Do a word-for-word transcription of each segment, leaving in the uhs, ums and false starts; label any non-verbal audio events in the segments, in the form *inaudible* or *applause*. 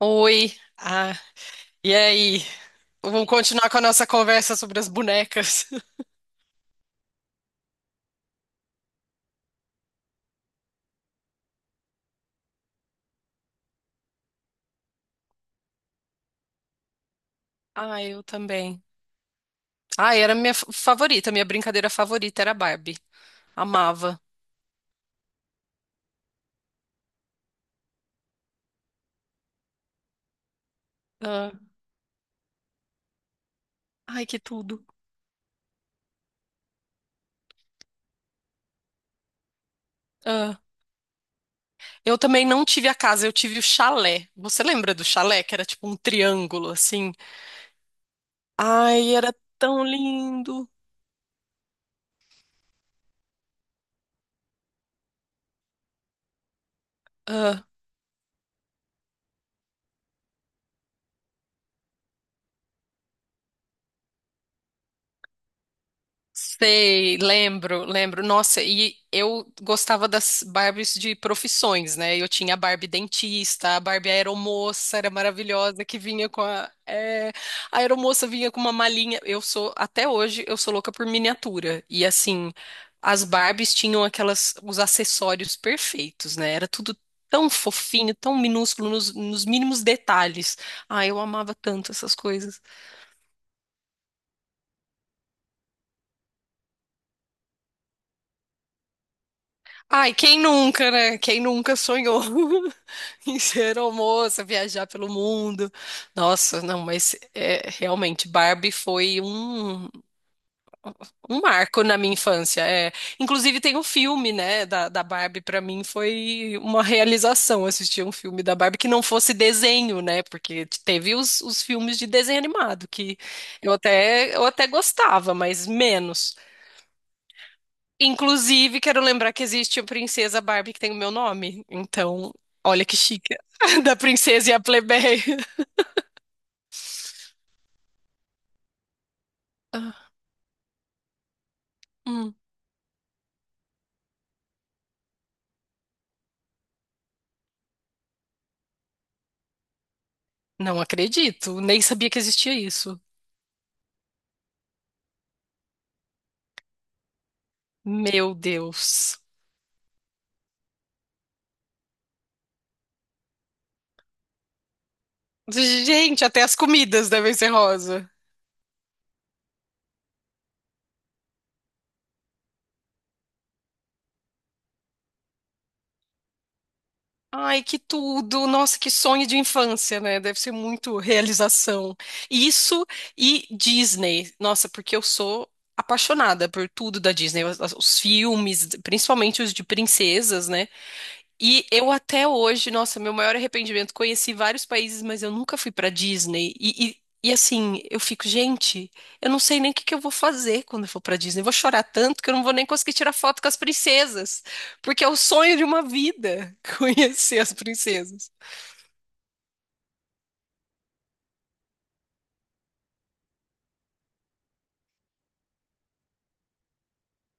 Oi, ah, e aí? Vamos continuar com a nossa conversa sobre as bonecas. *laughs* Ah, eu também. Ah, era minha fa- favorita, minha brincadeira favorita era Barbie. Amava. Ah, ai, que tudo. Ah, eu também não tive a casa, eu tive o chalé. Você lembra do chalé, que era tipo um triângulo assim? Ai, era tão lindo. Sei, lembro, lembro. Nossa, e eu gostava das Barbies de profissões, né? Eu tinha a Barbie dentista, a Barbie aeromoça, era maravilhosa, que vinha com a... é, a aeromoça vinha com uma malinha. Eu sou, até hoje, eu sou louca por miniatura. E assim, as Barbies tinham aquelas, os acessórios perfeitos, né? Era tudo tão fofinho, tão minúsculo, nos, nos mínimos detalhes. Ah, eu amava tanto essas coisas. Ai, quem nunca, né? Quem nunca sonhou *laughs* em ser almoça, viajar pelo mundo? Nossa, não, mas é, realmente Barbie foi um, um marco na minha infância. É, inclusive tem um filme, né, da, da Barbie, pra mim foi uma realização assistir um filme da Barbie que não fosse desenho, né? Porque teve os, os filmes de desenho animado que eu até eu até gostava, mas menos. Inclusive, quero lembrar que existe a princesa Barbie que tem o meu nome. Então, olha que chique. *laughs* Da princesa e a plebeia. Ah, hum. Não acredito. Nem sabia que existia isso. Meu Deus. Gente, até as comidas devem ser rosa. Ai, que tudo. Nossa, que sonho de infância, né? Deve ser muito realização. Isso e Disney. Nossa, porque eu sou apaixonada por tudo da Disney, os os filmes, principalmente os de princesas, né? E eu até hoje, nossa, meu maior arrependimento, conheci vários países, mas eu nunca fui pra Disney. E, e, e, assim, eu fico, gente, eu não sei nem o que que eu vou fazer quando eu for pra Disney. Eu vou chorar tanto que eu não vou nem conseguir tirar foto com as princesas, porque é o sonho de uma vida *laughs* conhecer as princesas.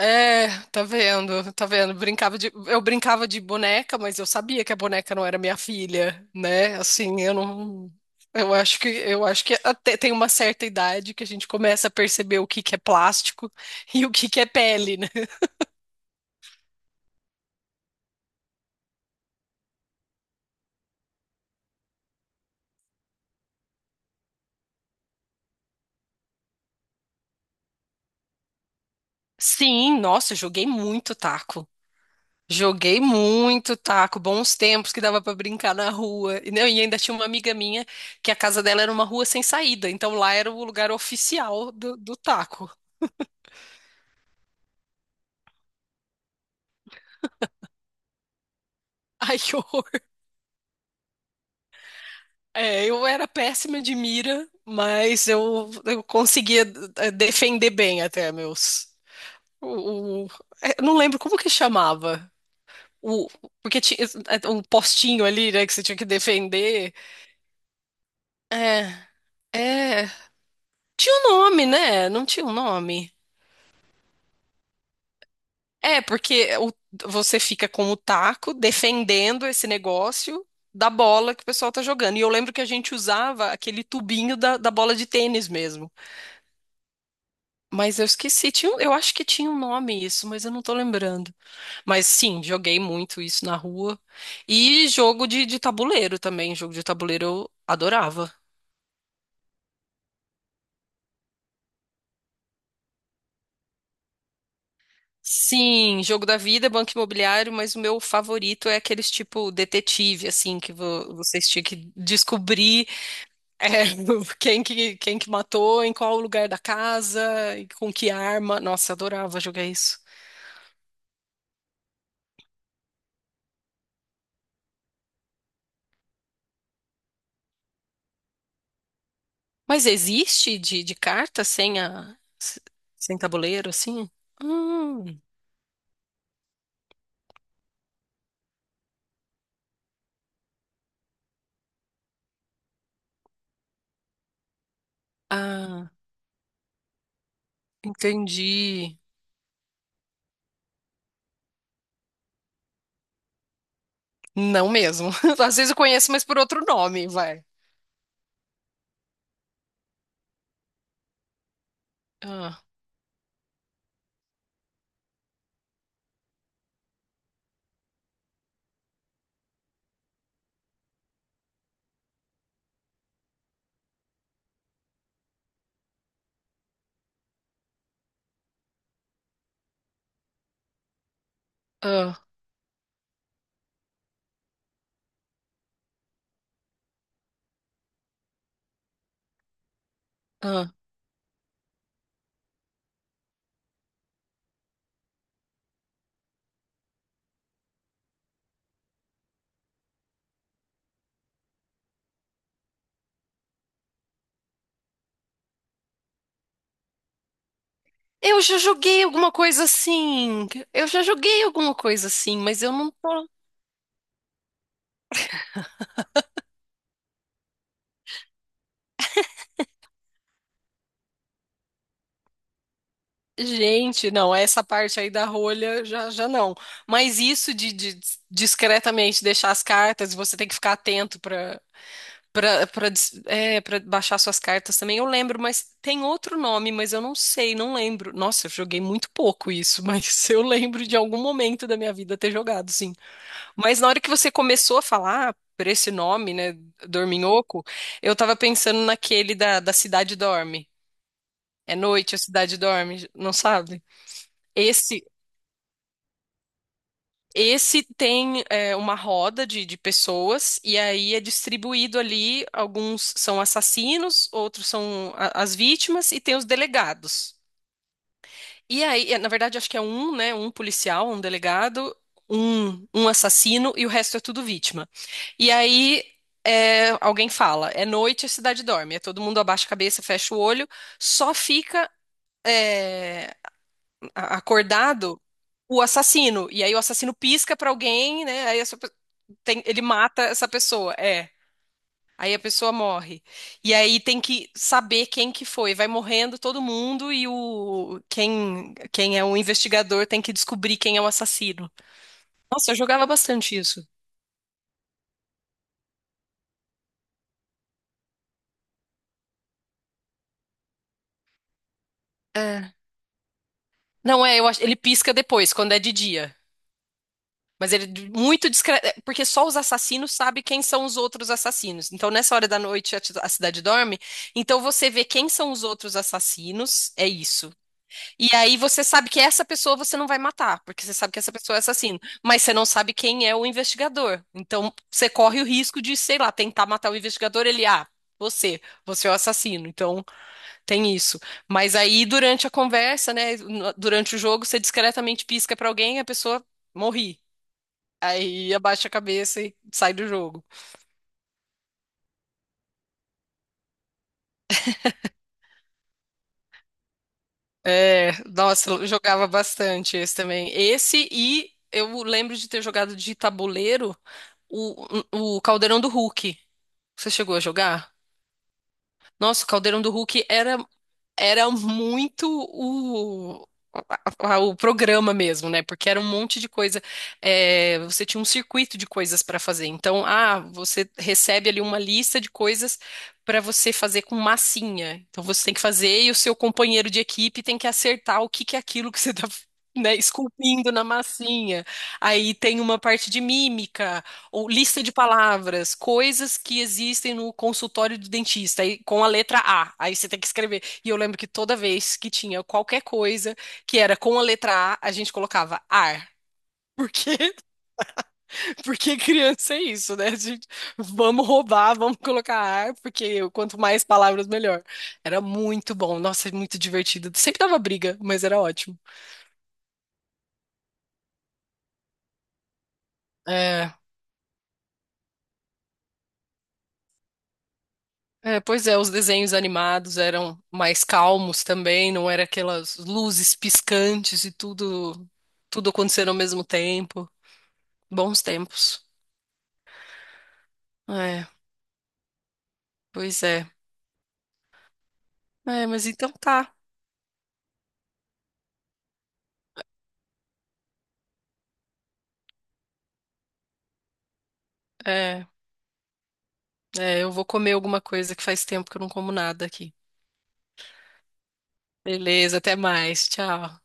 É, tá vendo, tá vendo. Brincava de, eu brincava de boneca, mas eu sabia que a boneca não era minha filha, né? Assim, eu não, eu acho que, eu acho que até tem uma certa idade que a gente começa a perceber o que que é plástico *laughs* e o que que é pele, né? Sim, nossa, eu joguei muito taco. Joguei muito taco, bons tempos que dava pra brincar na rua. E, não, e ainda tinha uma amiga minha que a casa dela era uma rua sem saída, então lá era o lugar oficial do, do taco. *laughs* Ai, que horror. É, eu era péssima de mira, mas eu, eu conseguia eh, defender bem até meus. O, o- eh, eu não lembro como que chamava. O, Porque tinha eh, um postinho ali, né, que você tinha que defender. É, é. Tinha um nome, né? Não tinha um nome. É, porque o- você fica com o taco defendendo esse negócio da bola que o pessoal tá jogando. E eu lembro que a gente usava aquele tubinho da, da bola de tênis mesmo. Mas eu esqueci, tinha, um- eu acho que tinha um nome isso, mas eu não tô lembrando. Mas sim, joguei muito isso na rua. E jogo de, de tabuleiro também. Jogo de tabuleiro eu adorava. Sim, jogo da vida, banco imobiliário, mas o meu favorito é aqueles tipo detetive, assim, que vo- vocês tinham que descobrir. É, *laughs* quem que, quem que matou, em qual lugar da casa, e com que arma. Nossa, adorava jogar isso. Mas existe de, de carta sem a, se- sem tabuleiro, assim? Hum, ah, entendi. Não mesmo. *laughs* Às vezes eu conheço, mas por outro nome, vai. Ah, ah, ah. Eu já joguei alguma coisa assim. Eu já joguei alguma coisa assim, mas eu não tô. Gente, não, essa parte aí da rolha já, já não. Mas isso de, de discretamente deixar as cartas, você tem que ficar atento para para para é, para baixar suas cartas também. Eu lembro, mas tem outro nome, mas eu não sei, não lembro. Nossa, eu joguei muito pouco isso, mas *laughs* eu lembro de algum momento da minha vida ter jogado, sim. Mas na hora que você começou a falar por esse nome, né, Dorminhoco, eu tava pensando naquele da, da Cidade Dorme. É noite, a cidade dorme, não sabe? Esse Esse tem é, uma roda de, de pessoas, e aí é distribuído ali. Alguns são assassinos, outros são a- as vítimas, e tem os delegados. E aí, é, na verdade, acho que é um, né? Um policial, um delegado, um, um assassino, e o resto é tudo vítima. E aí, é, alguém fala, é noite, a cidade dorme. É todo mundo abaixa a cabeça, fecha o olho, só fica é, a- acordado o assassino. E aí o assassino pisca pra alguém, né? Aí tem- ele mata essa pessoa, é. Aí a pessoa morre. E aí tem que saber quem que foi. Vai morrendo todo mundo e o quem quem é o investigador tem que descobrir quem é o assassino. Nossa, eu jogava bastante isso. É. Não é, eu acho, ele pisca depois, quando é de dia. Mas ele é muito discreto, porque só os assassinos sabem quem são os outros assassinos. Então, nessa hora da noite, a, ti- a cidade dorme. Então, você vê quem são os outros assassinos, é isso. E aí você sabe que essa pessoa você não vai matar, porque você sabe que essa pessoa é assassino, mas você não sabe quem é o investigador. Então você corre o risco de, sei lá, tentar matar o investigador, ele, ah, você, você é o assassino. Então tem isso. Mas aí durante a conversa, né, no- durante o jogo, você discretamente pisca pra alguém e a pessoa morre. Aí abaixa a cabeça e sai do jogo. É, nossa, eu jogava bastante esse também. Esse e eu lembro de ter jogado de tabuleiro o, o Caldeirão do Hulk. Você chegou a jogar? Nossa, o Caldeirão do Hulk era era muito o, a- a- o programa mesmo, né? Porque era um monte de coisa. É, você tinha um circuito de coisas para fazer. Então, ah, você recebe ali uma lista de coisas para você fazer com massinha. Então, você tem que fazer e o seu companheiro de equipe tem que acertar o que que é aquilo que você está *laughs* né, esculpindo na massinha. Aí tem uma parte de mímica, ou lista de palavras, coisas que existem no consultório do dentista, aí com a letra A. Aí você tem que escrever. E eu lembro que toda vez que tinha qualquer coisa que era com a letra A, a gente colocava ar. Porque, *laughs* porque criança é isso, né? A gente, vamos roubar, vamos colocar ar, porque quanto mais palavras, melhor. Era muito bom, nossa, é muito divertido. Sempre dava briga, mas era ótimo. É, é, pois é, os desenhos animados eram mais calmos também, não era aquelas luzes piscantes e tudo, tudo acontecendo ao mesmo tempo. Bons tempos. É, pois é. É, mas então tá. É, é, eu vou comer alguma coisa que faz tempo que eu não como nada aqui. Beleza, até mais. Tchau.